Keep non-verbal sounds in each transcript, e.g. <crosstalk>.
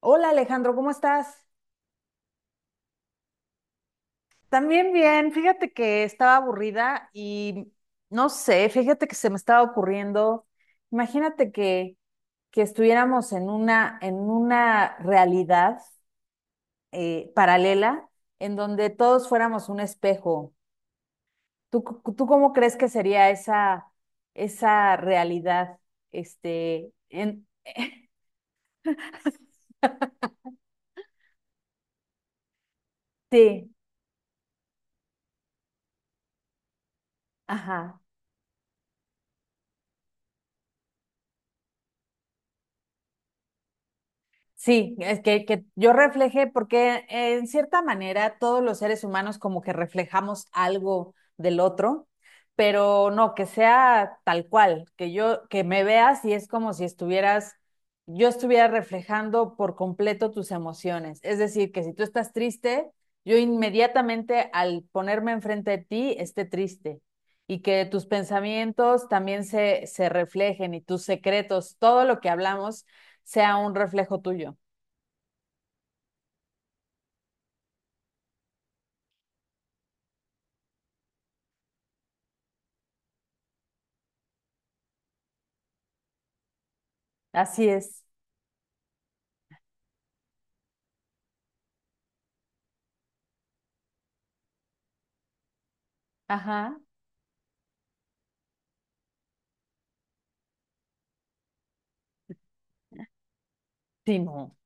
Hola Alejandro, ¿cómo estás? También bien, fíjate que estaba aburrida y no sé, fíjate que se me estaba ocurriendo, imagínate que, estuviéramos en una realidad paralela en donde todos fuéramos un espejo. ¿Tú cómo crees que sería esa realidad? Este, en, <laughs> sí, ajá. Sí, es que yo reflejé porque en cierta manera todos los seres humanos como que reflejamos algo del otro, pero no, que sea tal cual, que yo, que me veas y es como si estuvieras, yo estuviera reflejando por completo tus emociones. Es decir, que si tú estás triste, yo inmediatamente al ponerme enfrente de ti esté triste y que tus pensamientos también se reflejen y tus secretos, todo lo que hablamos sea un reflejo tuyo. Así es. Ajá. Sí, no.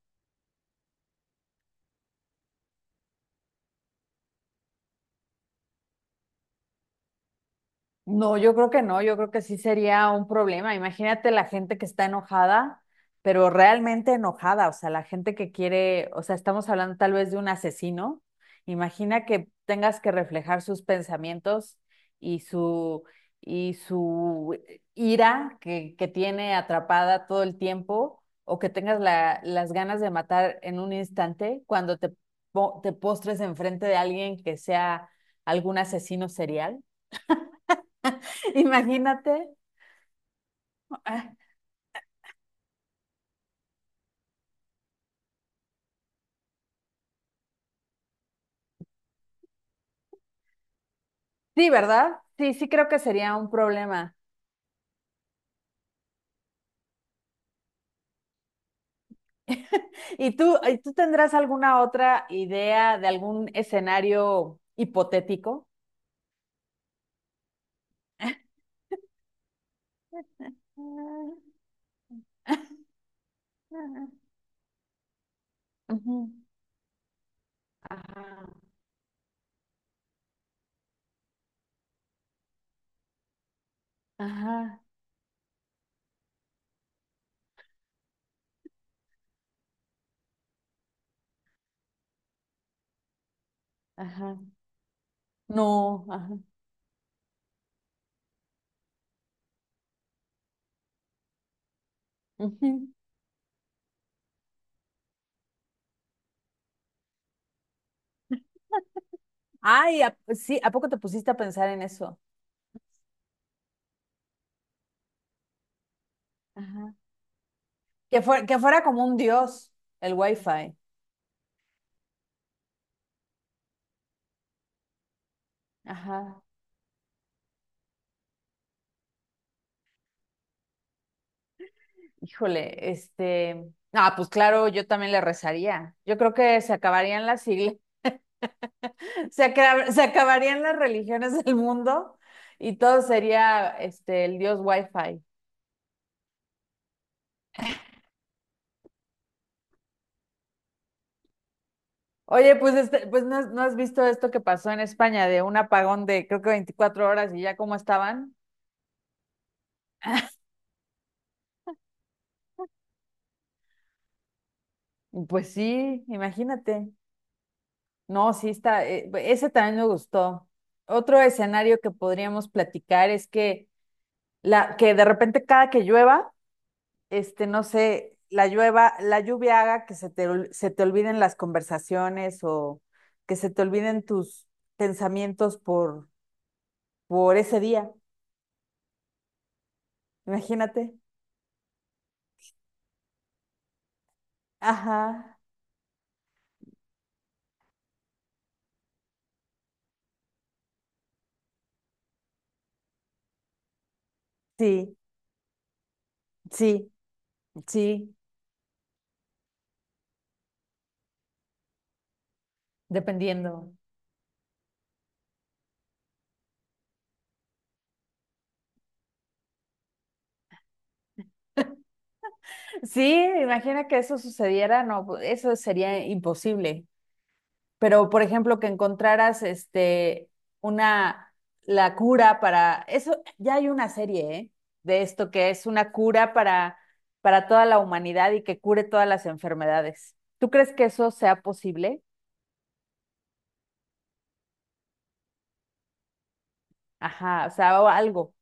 No, yo creo que no, yo creo que sí sería un problema. Imagínate la gente que está enojada, pero realmente enojada, o sea, la gente que quiere, o sea, estamos hablando tal vez de un asesino. Imagina que tengas que reflejar sus pensamientos y su y su ira que tiene atrapada todo el tiempo, o que tengas las ganas de matar en un instante cuando te postres enfrente de alguien que sea algún asesino serial. <laughs> Imagínate. Ah, sí, ¿verdad? Sí, sí creo que sería un problema. ¿Y tú tendrás alguna otra idea de algún escenario hipotético? <laughs> Ujú. Ajá, ajá, ajá. No, ajá. Ujú. Ay, sí, ¿a poco te pusiste a pensar en eso? Ajá. Que fuera como un dios el wifi. Ajá. Híjole, este. Ah, pues claro, yo también le rezaría. Yo creo que se acabarían las iglesias. Se acabarían las religiones del mundo y todo sería el dios Wi-Fi. Oye, pues no, has no has visto esto que pasó en España de un apagón de creo que 24 horas y ya cómo estaban. Pues sí, imagínate. No, sí está, ese también me gustó. Otro escenario que podríamos platicar es que la que de repente cada que llueva no sé, la lluvia haga que se te olviden las conversaciones o que se te olviden tus pensamientos por ese día. Imagínate. Ajá, sí, sí, sí, dependiendo. Sí, imagina que eso sucediera, no, eso sería imposible. Pero, por ejemplo, que encontraras este una la cura para eso, ya hay una serie, ¿eh? De esto que es una cura para toda la humanidad y que cure todas las enfermedades. ¿Tú crees que eso sea posible? Ajá, o sea, o algo.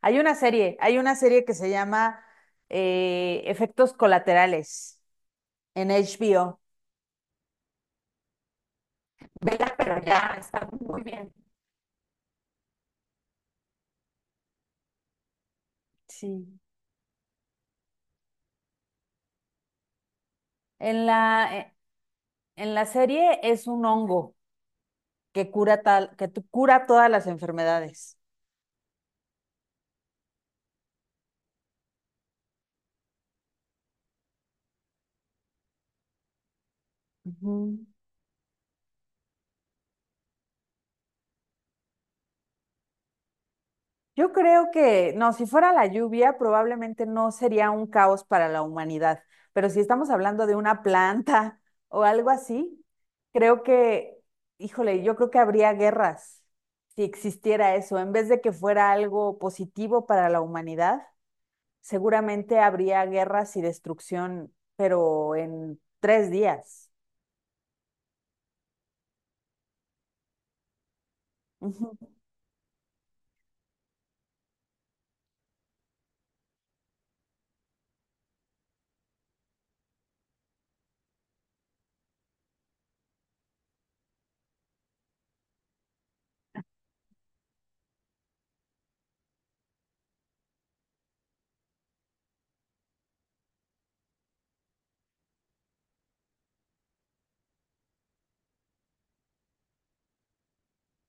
Hay una serie que se llama Efectos Colaterales en HBO. Vela, pero ya está muy bien. Sí. En la, eh, en la serie es un hongo que cura tal, que cura todas las enfermedades. Ujú. Yo creo que, no, si fuera la lluvia, probablemente no sería un caos para la humanidad, pero si estamos hablando de una planta <laughs> o algo así, creo que, híjole, yo creo que habría guerras si existiera eso. En vez de que fuera algo positivo para la humanidad, seguramente habría guerras y destrucción, pero en 3 días.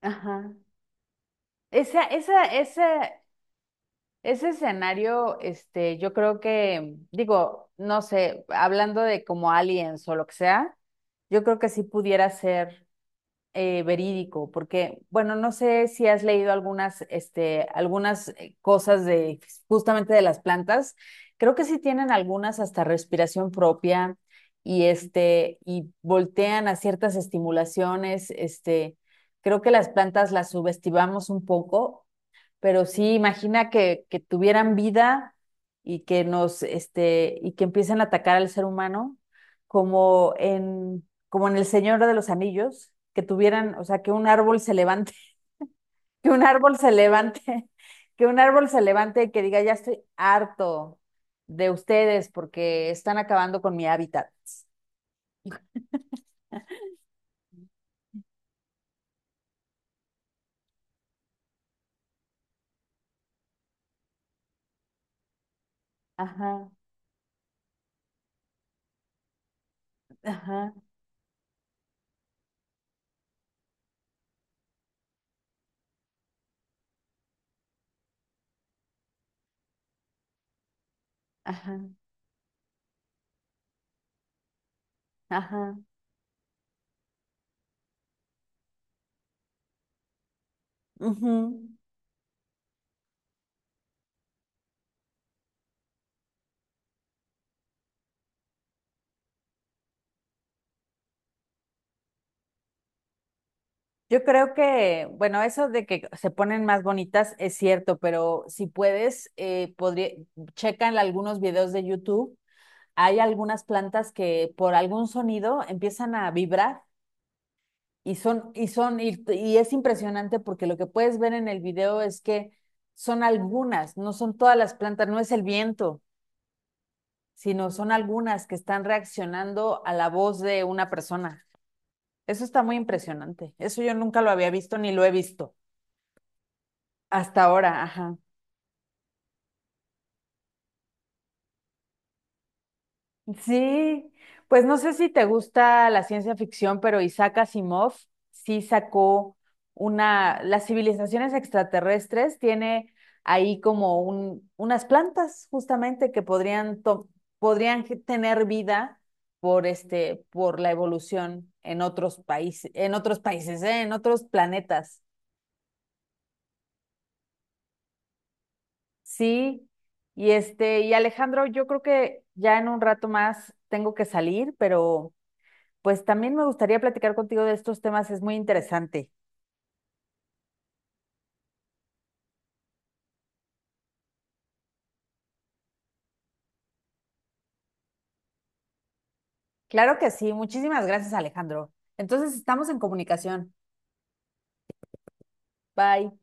Ajá. Esa, esa, esa. Yo creo que, digo, no sé, hablando de como aliens o lo que sea, yo creo que sí pudiera ser verídico, porque, bueno, no sé si has leído algunas cosas de justamente de las plantas. Creo que sí tienen algunas hasta respiración propia y voltean a ciertas estimulaciones. Creo que las plantas las subestimamos un poco, pero sí imagina que tuvieran vida y que empiecen a atacar al ser humano, como en El Señor de los Anillos, que tuvieran, o sea, que un árbol se levante, <laughs> que un árbol se levante, <laughs> que un árbol se levante y que diga, ya estoy harto de ustedes porque están acabando con mi hábitat. Ajá, ajá, ajá, ajá. Ujú. Yo creo que, bueno, eso de que se ponen más bonitas es cierto, pero si puedes, checa en algunos videos de YouTube, hay algunas plantas que por algún sonido empiezan a vibrar y es impresionante porque lo que puedes ver en el video es que son algunas, no son todas las plantas, no es el viento, sino son algunas que están reaccionando a la voz de una persona. Eso está muy impresionante. Eso yo nunca lo había visto ni lo he visto. Hasta ahora, ajá. Sí, pues no sé si te gusta la ciencia ficción, pero Isaac Asimov sí sacó las civilizaciones extraterrestres tiene ahí como unas plantas justamente que podrían, to- podrían ge- tener vida por la evolución en otros países, ¿eh? En otros planetas. Sí, y Alejandro, yo creo que ya en un rato más tengo que salir, pero pues también me gustaría platicar contigo de estos temas, es muy interesante. Claro que sí. Muchísimas gracias, Alejandro. Entonces, estamos en comunicación. Bye.